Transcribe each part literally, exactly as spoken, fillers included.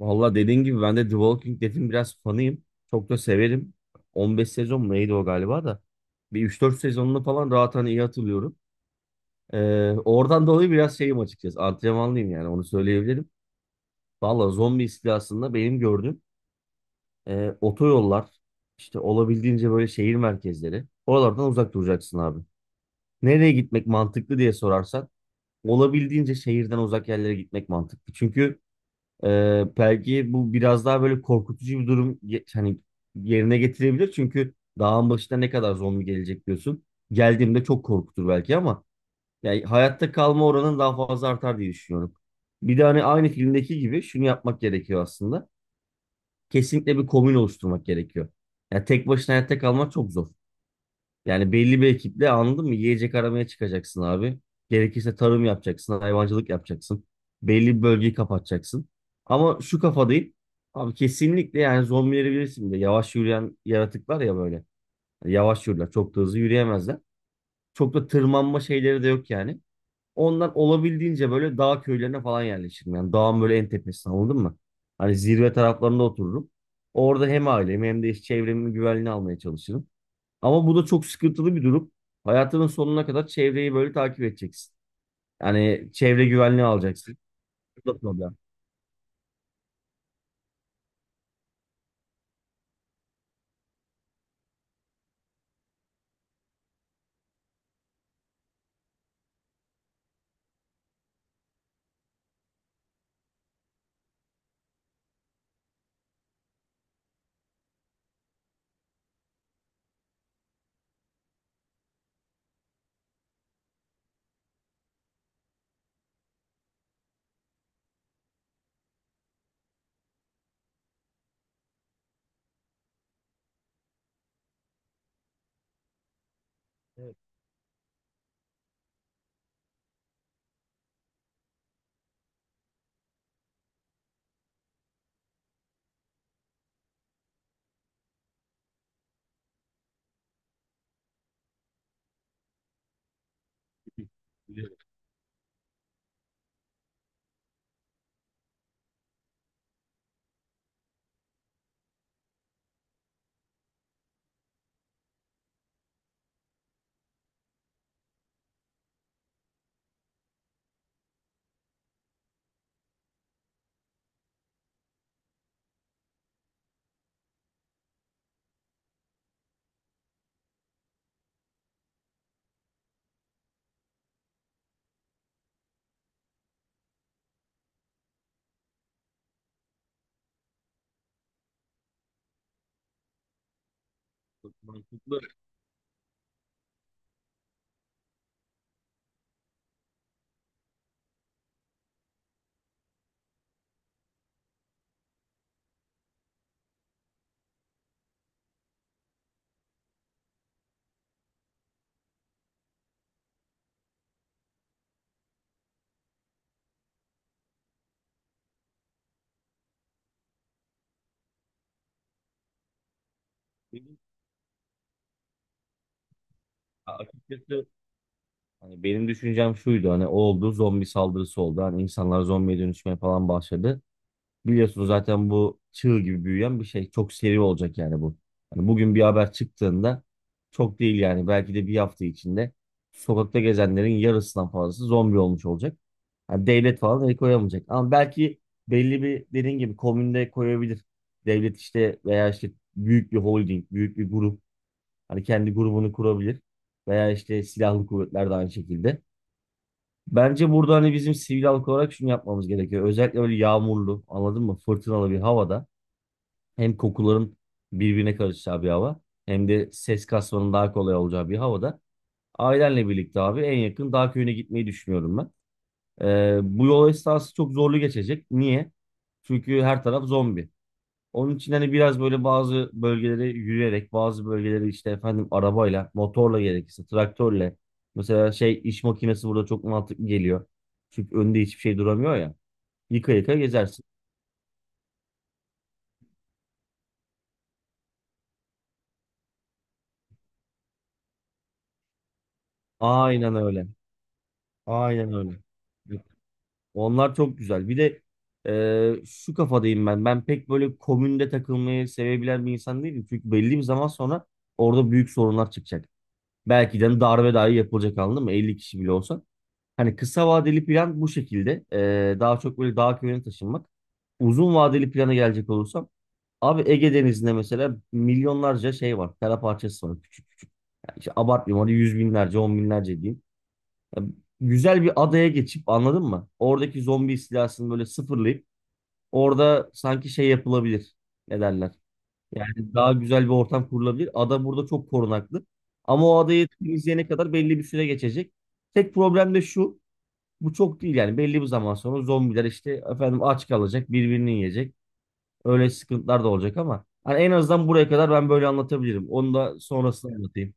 Valla dediğin gibi ben de The Walking Dead'in biraz fanıyım. Çok da severim. on beş sezon mu neydi o galiba da. Bir üç dört sezonunu falan rahat hani iyi hatırlıyorum. Ee, oradan dolayı biraz şeyim açıkçası. Antrenmanlıyım yani onu söyleyebilirim. Valla zombi istilasında benim gördüğüm e, otoyollar işte olabildiğince böyle şehir merkezleri. Oralardan uzak duracaksın abi. Nereye gitmek mantıklı diye sorarsan olabildiğince şehirden uzak yerlere gitmek mantıklı. Çünkü Ee, belki bu biraz daha böyle korkutucu bir durum ye- hani yerine getirebilir. Çünkü dağın başına ne kadar zombi gelecek diyorsun. Geldiğimde çok korkutur belki ama yani hayatta kalma oranın daha fazla artar diye düşünüyorum. Bir de hani aynı filmdeki gibi şunu yapmak gerekiyor aslında. Kesinlikle bir komün oluşturmak gerekiyor. Yani tek başına hayatta kalmak çok zor. Yani belli bir ekiple anladın mı? Yiyecek aramaya çıkacaksın abi. Gerekirse tarım yapacaksın, hayvancılık yapacaksın. Belli bir bölgeyi kapatacaksın. Ama şu kafadayım. Abi kesinlikle yani zombileri bilirsin bir de yavaş yürüyen yaratıklar ya böyle. Yani yavaş yürürler. Çok da hızlı yürüyemezler. Çok da tırmanma şeyleri de yok yani. Ondan olabildiğince böyle dağ köylerine falan yerleşirim. Yani dağın böyle en tepesine anladın mı? Hani zirve taraflarında otururum. Orada hem ailemi hem de iş çevremin güvenliğini almaya çalışırım. Ama bu da çok sıkıntılı bir durum. Hayatının sonuna kadar çevreyi böyle takip edeceksin. Yani çevre güvenliği alacaksın. Bu da problem. Evet. Biliyorum. Çok mantıklı. Benim açıkçası hani benim düşüncem şuydu, hani o oldu, zombi saldırısı oldu. Hani insanlar zombiye dönüşmeye falan başladı. Biliyorsunuz zaten bu çığ gibi büyüyen bir şey. Çok seri olacak yani bu. Hani bugün bir haber çıktığında çok değil yani belki de bir hafta içinde sokakta gezenlerin yarısından fazlası zombi olmuş olacak. Yani devlet falan el koyamayacak. Ama belki belli bir dediğin gibi komünde koyabilir. Devlet işte veya işte büyük bir holding, büyük bir grup hani kendi grubunu kurabilir. Veya işte silahlı kuvvetler de aynı şekilde. Bence burada hani bizim sivil halk olarak şunu yapmamız gerekiyor. Özellikle böyle yağmurlu, anladın mı? Fırtınalı bir havada hem kokuların birbirine karışacağı bir hava hem de ses kasmanın daha kolay olacağı bir havada ailenle birlikte abi en yakın dağ köyüne gitmeyi düşünüyorum ben. Ee, bu yol esnası çok zorlu geçecek. Niye? Çünkü her taraf zombi. Onun için hani biraz böyle bazı bölgelere yürüyerek, bazı bölgeleri işte efendim arabayla, motorla gerekirse, traktörle. Mesela şey iş makinesi burada çok mantıklı geliyor. Çünkü önünde hiçbir şey duramıyor ya. Yıka yıka gezersin. Aynen öyle. Aynen öyle. Evet. Onlar çok güzel. Bir de e, şu kafadayım ben. Ben pek böyle komünde takılmayı sevebilen bir insan değilim. Çünkü belli bir zaman sonra orada büyük sorunlar çıkacak. Belki de hani darbe dahi yapılacak anladın mı? elli kişi bile olsa. Hani kısa vadeli plan bu şekilde. Ee, daha çok böyle dağ köyüne taşınmak. Uzun vadeli plana gelecek olursam abi Ege Denizi'nde mesela milyonlarca şey var. Kara parçası var küçük küçük. Yani işte abartmayayım hadi yüz binlerce, on binlerce diyeyim. Ya güzel bir adaya geçip anladın mı? Oradaki zombi istilasını böyle sıfırlayıp orada sanki şey yapılabilir. Ne derler? Yani daha güzel bir ortam kurulabilir. Ada burada çok korunaklı. Ama o adayı temizleyene kadar belli bir süre geçecek. Tek problem de şu. Bu çok değil yani belli bir zaman sonra zombiler işte efendim aç kalacak, birbirini yiyecek. Öyle sıkıntılar da olacak ama hani en azından buraya kadar ben böyle anlatabilirim. Onu da sonrasında anlatayım.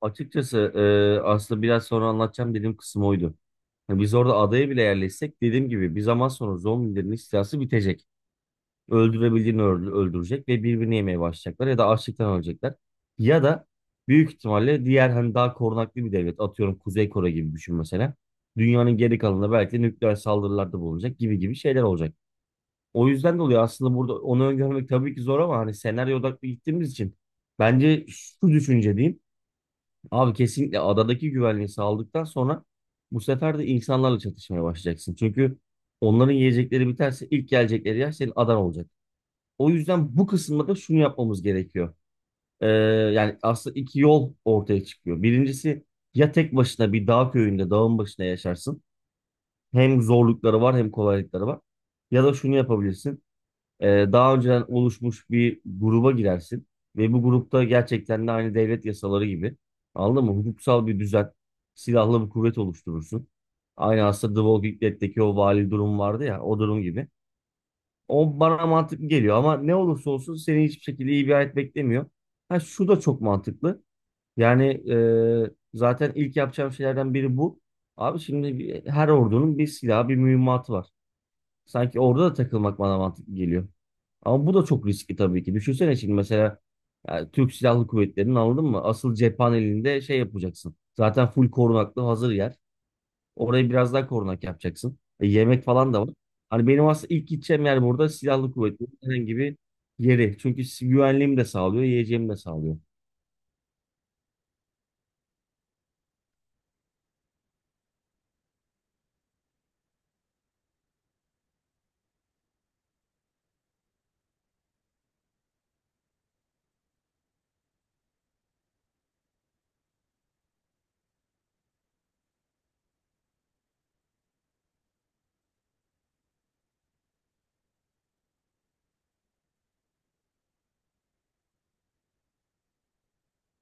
Açıkçası e, aslında biraz sonra anlatacağım dediğim kısım oydu. Biz orada adaya bile yerleşsek dediğim gibi bir zaman sonra zombilerin istilası bitecek. öldürebildiğini öldü- öldürecek ve birbirini yemeye başlayacaklar ya da açlıktan ölecekler. Ya da büyük ihtimalle diğer hani daha korunaklı bir devlet, atıyorum Kuzey Kore gibi düşün mesela. Dünyanın geri kalanında belki nükleer saldırılarda bulunacak gibi gibi şeyler olacak. O yüzden de oluyor aslında burada onu öngörmek tabii ki zor ama hani senaryo odaklı gittiğimiz için bence şu düşünce diyeyim. Abi kesinlikle adadaki güvenliği sağladıktan sonra bu sefer de insanlarla çatışmaya başlayacaksın. Çünkü onların yiyecekleri biterse ilk gelecekleri yer senin adan olacak. O yüzden bu kısımda da şunu yapmamız gerekiyor. Ee, Yani aslında iki yol ortaya çıkıyor. Birincisi ya tek başına bir dağ köyünde, dağın başına yaşarsın. Hem zorlukları var hem kolaylıkları var. Ya da şunu yapabilirsin. Ee, daha önceden oluşmuş bir gruba girersin. Ve bu grupta gerçekten de aynı devlet yasaları gibi. Anladın mı? Hukuksal bir düzen, silahlı bir kuvvet oluşturursun. Aynı aslında The Walking Dead'deki o vali durum vardı ya, o durum gibi. O bana mantıklı geliyor ama ne olursa olsun seni hiçbir şekilde iyi bir hayat beklemiyor. Ha şu da çok mantıklı. Yani e, zaten ilk yapacağım şeylerden biri bu. Abi şimdi bir- her ordunun bir silahı, bir mühimmatı var. Sanki orada da takılmak bana mantıklı geliyor. Ama bu da çok riskli tabii ki. Düşünsene şimdi mesela yani Türk Silahlı Kuvvetleri'nin anladın mı? Asıl cephanelinde şey yapacaksın. Zaten full korunaklı hazır yer. Orayı biraz daha korunak yapacaksın. E, yemek falan da var. Hani benim aslında ilk gideceğim yer burada silahlı kuvvetlerin herhangi bir yeri. Çünkü si- güvenliğimi de sağlıyor, yiyeceğimi de sağlıyor.